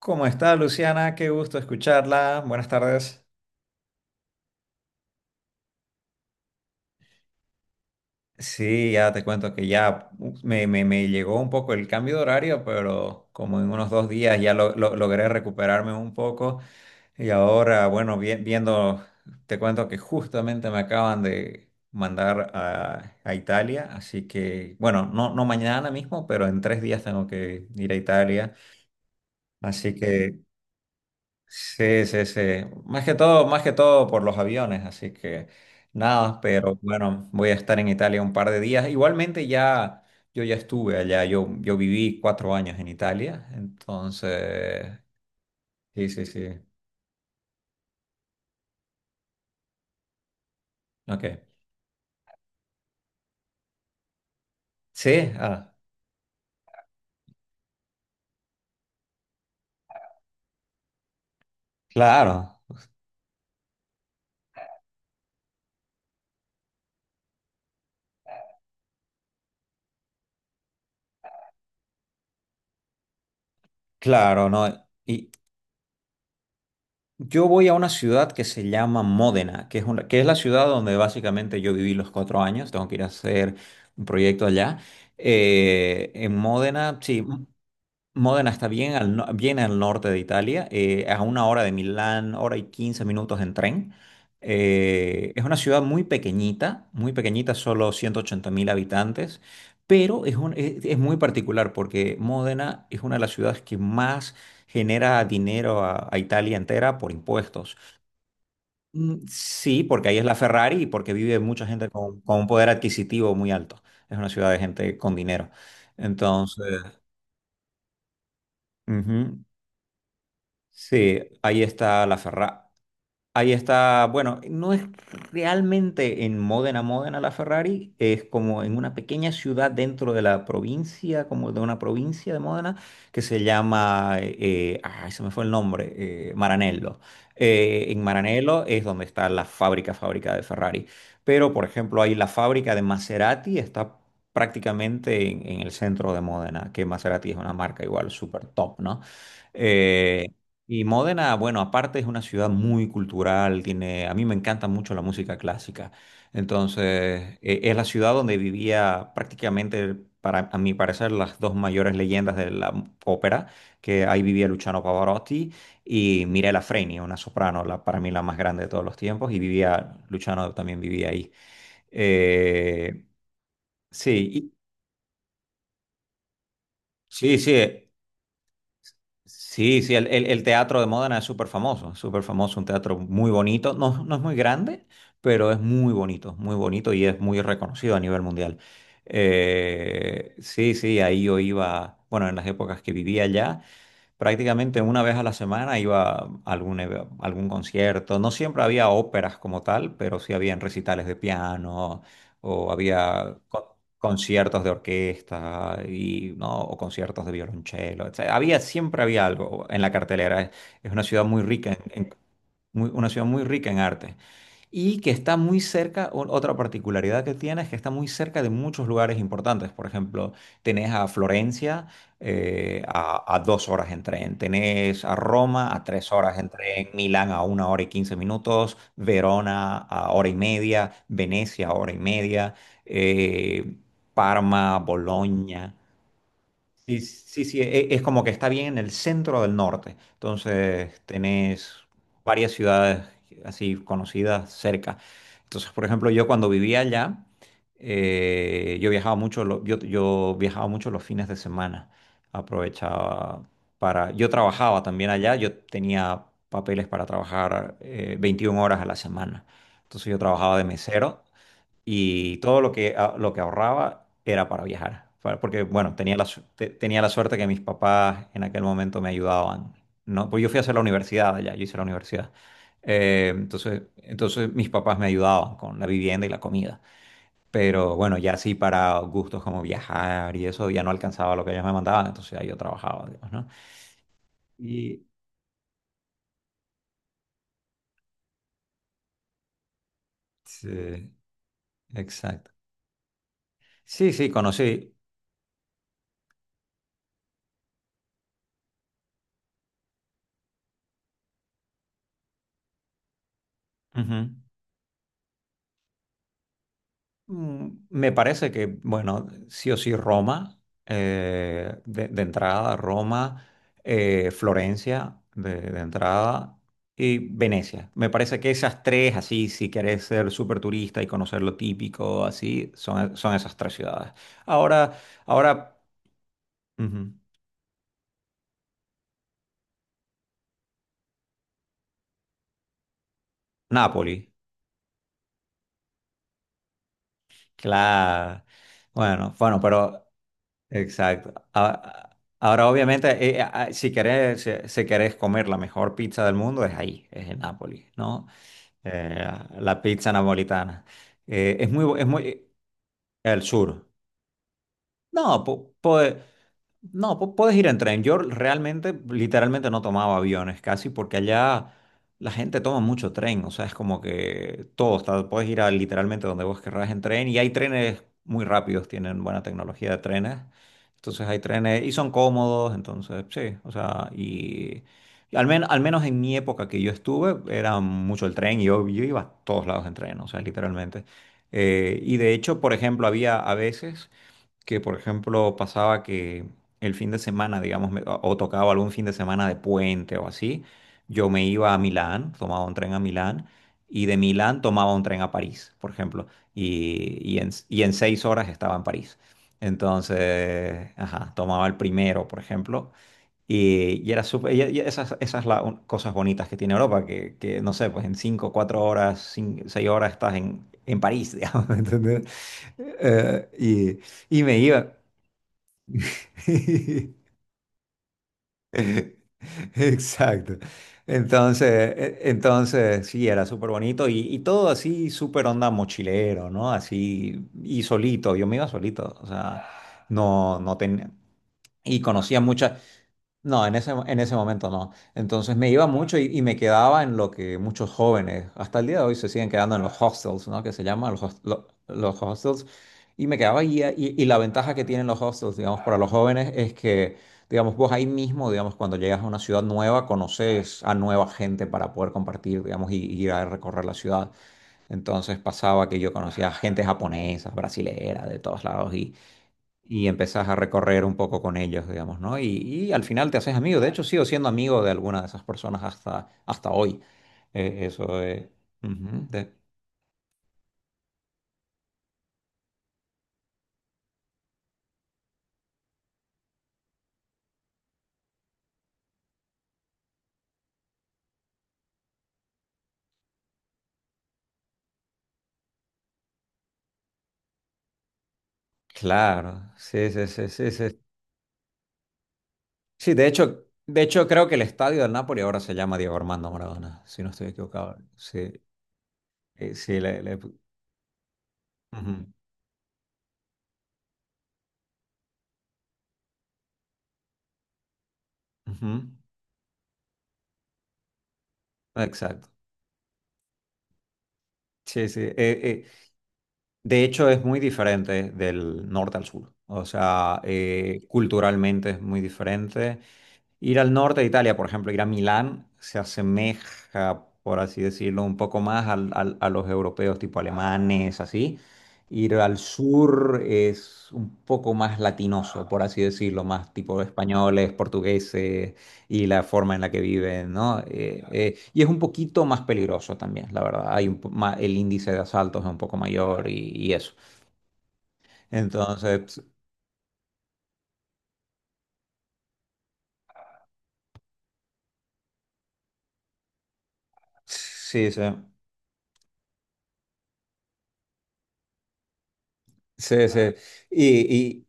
¿Cómo está Luciana? Qué gusto escucharla. Buenas tardes. Sí, ya te cuento que ya me llegó un poco el cambio de horario, pero como en unos 2 días ya logré recuperarme un poco. Y ahora, bueno, viendo, te cuento que justamente me acaban de mandar a Italia, así que, bueno, no, no mañana mismo, pero en 3 días tengo que ir a Italia. Así que Sí, sí, sí. Más que todo, por los aviones, así que nada, pero bueno, voy a estar en Italia un par de días. Igualmente ya, yo ya estuve allá, yo viví 4 años en Italia, entonces, sí, sí, sí. Ok. Sí, ah, claro, claro, no. Y yo voy a una ciudad que se llama Módena, que es la ciudad donde básicamente yo viví los 4 años, tengo que ir a hacer un proyecto allá. En Módena, sí. Módena está bien al, no- bien al norte de Italia, a una hora de Milán, hora y 15 minutos en tren. Es una ciudad muy pequeñita, solo 180.000 habitantes, pero es, es muy particular porque Módena es una de las ciudades que más genera dinero a Italia entera por impuestos. Mm, sí, porque ahí es la Ferrari y porque vive mucha gente con un poder adquisitivo muy alto. Es una ciudad de gente con dinero. Entonces. Ujú. Sí, ahí está la Ferrari. Ahí está, bueno, no es realmente en Módena, la Ferrari, es como en una pequeña ciudad dentro de la provincia, como de una provincia de Módena, que se llama, se me fue el nombre, Maranello. En Maranello es donde está fábrica de Ferrari. Pero, por ejemplo, ahí la fábrica de Maserati está prácticamente en el centro de Módena, que Maserati es una marca igual súper top, ¿no? Eh, y Módena, bueno, aparte es una ciudad muy cultural, tiene, a mí me encanta mucho la música clásica. Entonces, es la ciudad donde vivía prácticamente, para, a mi parecer, las dos mayores leyendas de la ópera, que ahí vivía Luciano Pavarotti y Mirella Freni, una soprano, para mí la más grande de todos los tiempos, y Luciano también vivía ahí. Eh, sí, sí, sí. Sí, sí, el teatro de Módena es súper famoso, un teatro muy bonito, no, no es muy grande, pero es muy bonito y es muy reconocido a nivel mundial. Sí, sí, ahí yo iba, bueno, en las épocas que vivía allá. Prácticamente una vez a la semana iba a algún concierto. No siempre había óperas como tal, pero sí habían recitales de piano o había conciertos de orquesta y, ¿no? o conciertos de violonchelo, etcétera. Siempre había algo en la cartelera. Es, es una ciudad muy rica en, en- una ciudad muy rica en arte y que está muy cerca, otra particularidad que tiene es que está muy cerca de muchos lugares importantes. Por ejemplo, tenés a Florencia, a 2 horas en tren, tenés a Roma a 3 horas en tren, Milán a una hora y 15 minutos, Verona a hora y media, Venecia a hora y media, eh, Parma, Boloña. Sí, sí, sí, es como que está bien en el centro del norte. Entonces tenés varias ciudades así conocidas cerca. Entonces, por ejemplo, yo cuando vivía allá, yo viajaba mucho, yo viajaba mucho los fines de semana. Aprovechaba. Yo trabajaba también allá, yo tenía papeles para trabajar 21 horas a la semana. Entonces yo trabajaba de mesero y todo lo que, lo que ahorraba era para viajar, porque bueno, tenía tenía la suerte que mis papás en aquel momento me ayudaban, ¿no? Pues yo fui a hacer la universidad allá, yo hice la universidad. Entonces, mis papás me ayudaban con la vivienda y la comida, pero bueno, ya sí para gustos como viajar y eso ya no alcanzaba lo que ellos me mandaban, entonces ahí yo trabajaba, digamos, ¿no? Y sí, exacto. Sí, sí, conocí. Ujú. Me parece que, bueno, sí o sí Roma, de entrada Roma, Florencia de entrada y Venecia. Me parece que esas tres, así, si querés ser súper turista y conocer lo típico, así, son esas tres ciudades. Ahora, ahora, ujú, Nápoli, claro. Bueno, bueno. Exacto. Ahora, obviamente, si querés, si querés comer la mejor pizza del mundo, es en Nápoles, ¿no? Eh, la pizza napolitana. Es muy, el sur. No, no, puedes ir en tren. Yo realmente, literalmente no tomaba aviones casi porque allá la gente toma mucho tren. O sea, es como que todo está, puedes ir a literalmente donde vos querrás en tren y hay trenes muy rápidos, tienen buena tecnología de trenes. Entonces hay trenes y son cómodos, entonces sí, o sea, al menos en mi época que yo estuve era mucho el tren y yo iba a todos lados en tren, o sea, literalmente. Y de hecho, por ejemplo, había a veces que, por ejemplo, pasaba que el fin de semana, digamos, o tocaba algún fin de semana de puente o así, yo me iba a Milán, tomaba un tren a Milán y de Milán tomaba un tren a París, por ejemplo, y en 6 horas estaba en París. Entonces, ajá, tomaba el primero, por ejemplo. Y era súper, y cosas bonitas que tiene Europa, que, no sé, pues en cinco, cuatro horas, 6 horas estás en París, digamos, ¿me ¿entendés? Eh, y me iba. Exacto. Entonces, entonces sí, era súper bonito y todo así, súper onda mochilero, ¿no? Así, y solito, yo me iba solito, o sea, no, no tenía, y conocía muchas, no, en ese momento no. Entonces me iba mucho y me quedaba en lo que muchos jóvenes, hasta el día de hoy, se siguen quedando en los hostels, ¿no? Que se llaman los hostels. Y me quedaba ahí y la ventaja que tienen los hostels, digamos, para los jóvenes es que, digamos, vos ahí mismo, digamos, cuando llegas a una ciudad nueva, conoces a nueva gente para poder compartir, digamos, y ir a recorrer la ciudad. Entonces pasaba que yo conocía gente japonesa, brasilera, de todos lados y empezás a recorrer un poco con ellos, digamos, ¿no? Y al final te haces amigo. De hecho, sigo siendo amigo de alguna de esas personas hasta hoy. Eso, ujú, claro, sí, sí, sí, sí, sí. Sí, de hecho, creo que el estadio del Napoli ahora se llama Diego Armando Maradona, si no estoy equivocado. Sí, sí, ujú, ujú. Exacto. Sí, sí. De hecho, es muy diferente del norte al sur. O sea, culturalmente es muy diferente. Ir al norte de Italia, por ejemplo, ir a Milán, se asemeja, por así decirlo, un poco más a los europeos, tipo alemanes, así. Ir al sur es un poco más latinoso, por así decirlo, más tipo españoles, portugueses y la forma en la que viven, ¿no? Y es un poquito más peligroso también, la verdad. Hay un po- ma- el índice de asaltos es un poco mayor y eso. Entonces, sí, sí, sí, sí. y,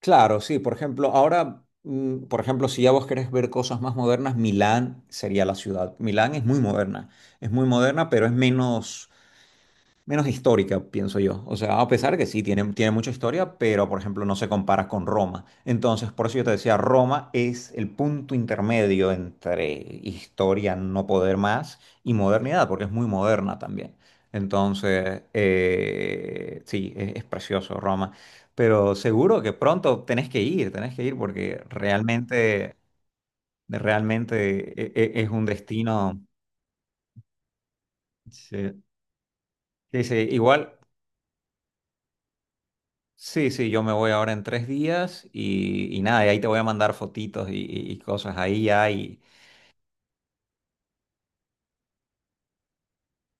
Claro, sí, por ejemplo, ahora, por ejemplo, si ya vos querés ver cosas más modernas, Milán sería la ciudad. Milán es muy moderna, pero es menos histórica, pienso yo. O sea, a pesar que sí, tiene mucha historia, pero por ejemplo no se compara con Roma. Entonces, por eso yo te decía, Roma es el punto intermedio entre historia no poder más y modernidad, porque es muy moderna también. Entonces, sí, es precioso Roma. Pero seguro que pronto tenés que ir porque realmente, realmente es un destino. Sí, sí, sí, igual. Sí, sí, yo me voy ahora en 3 días y nada, y ahí te voy a mandar fotitos y cosas ahí ya.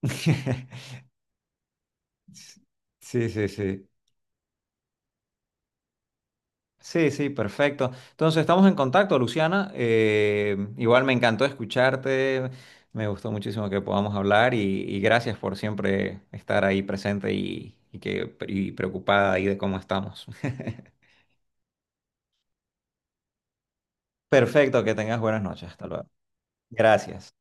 Sí, sí, sí. Sí, sí, perfecto. Entonces, estamos en contacto, Luciana. Igual me encantó escucharte, me gustó muchísimo que podamos hablar y gracias por siempre estar ahí presente y preocupada ahí de cómo estamos. Perfecto, que tengas buenas noches. Hasta luego. Gracias.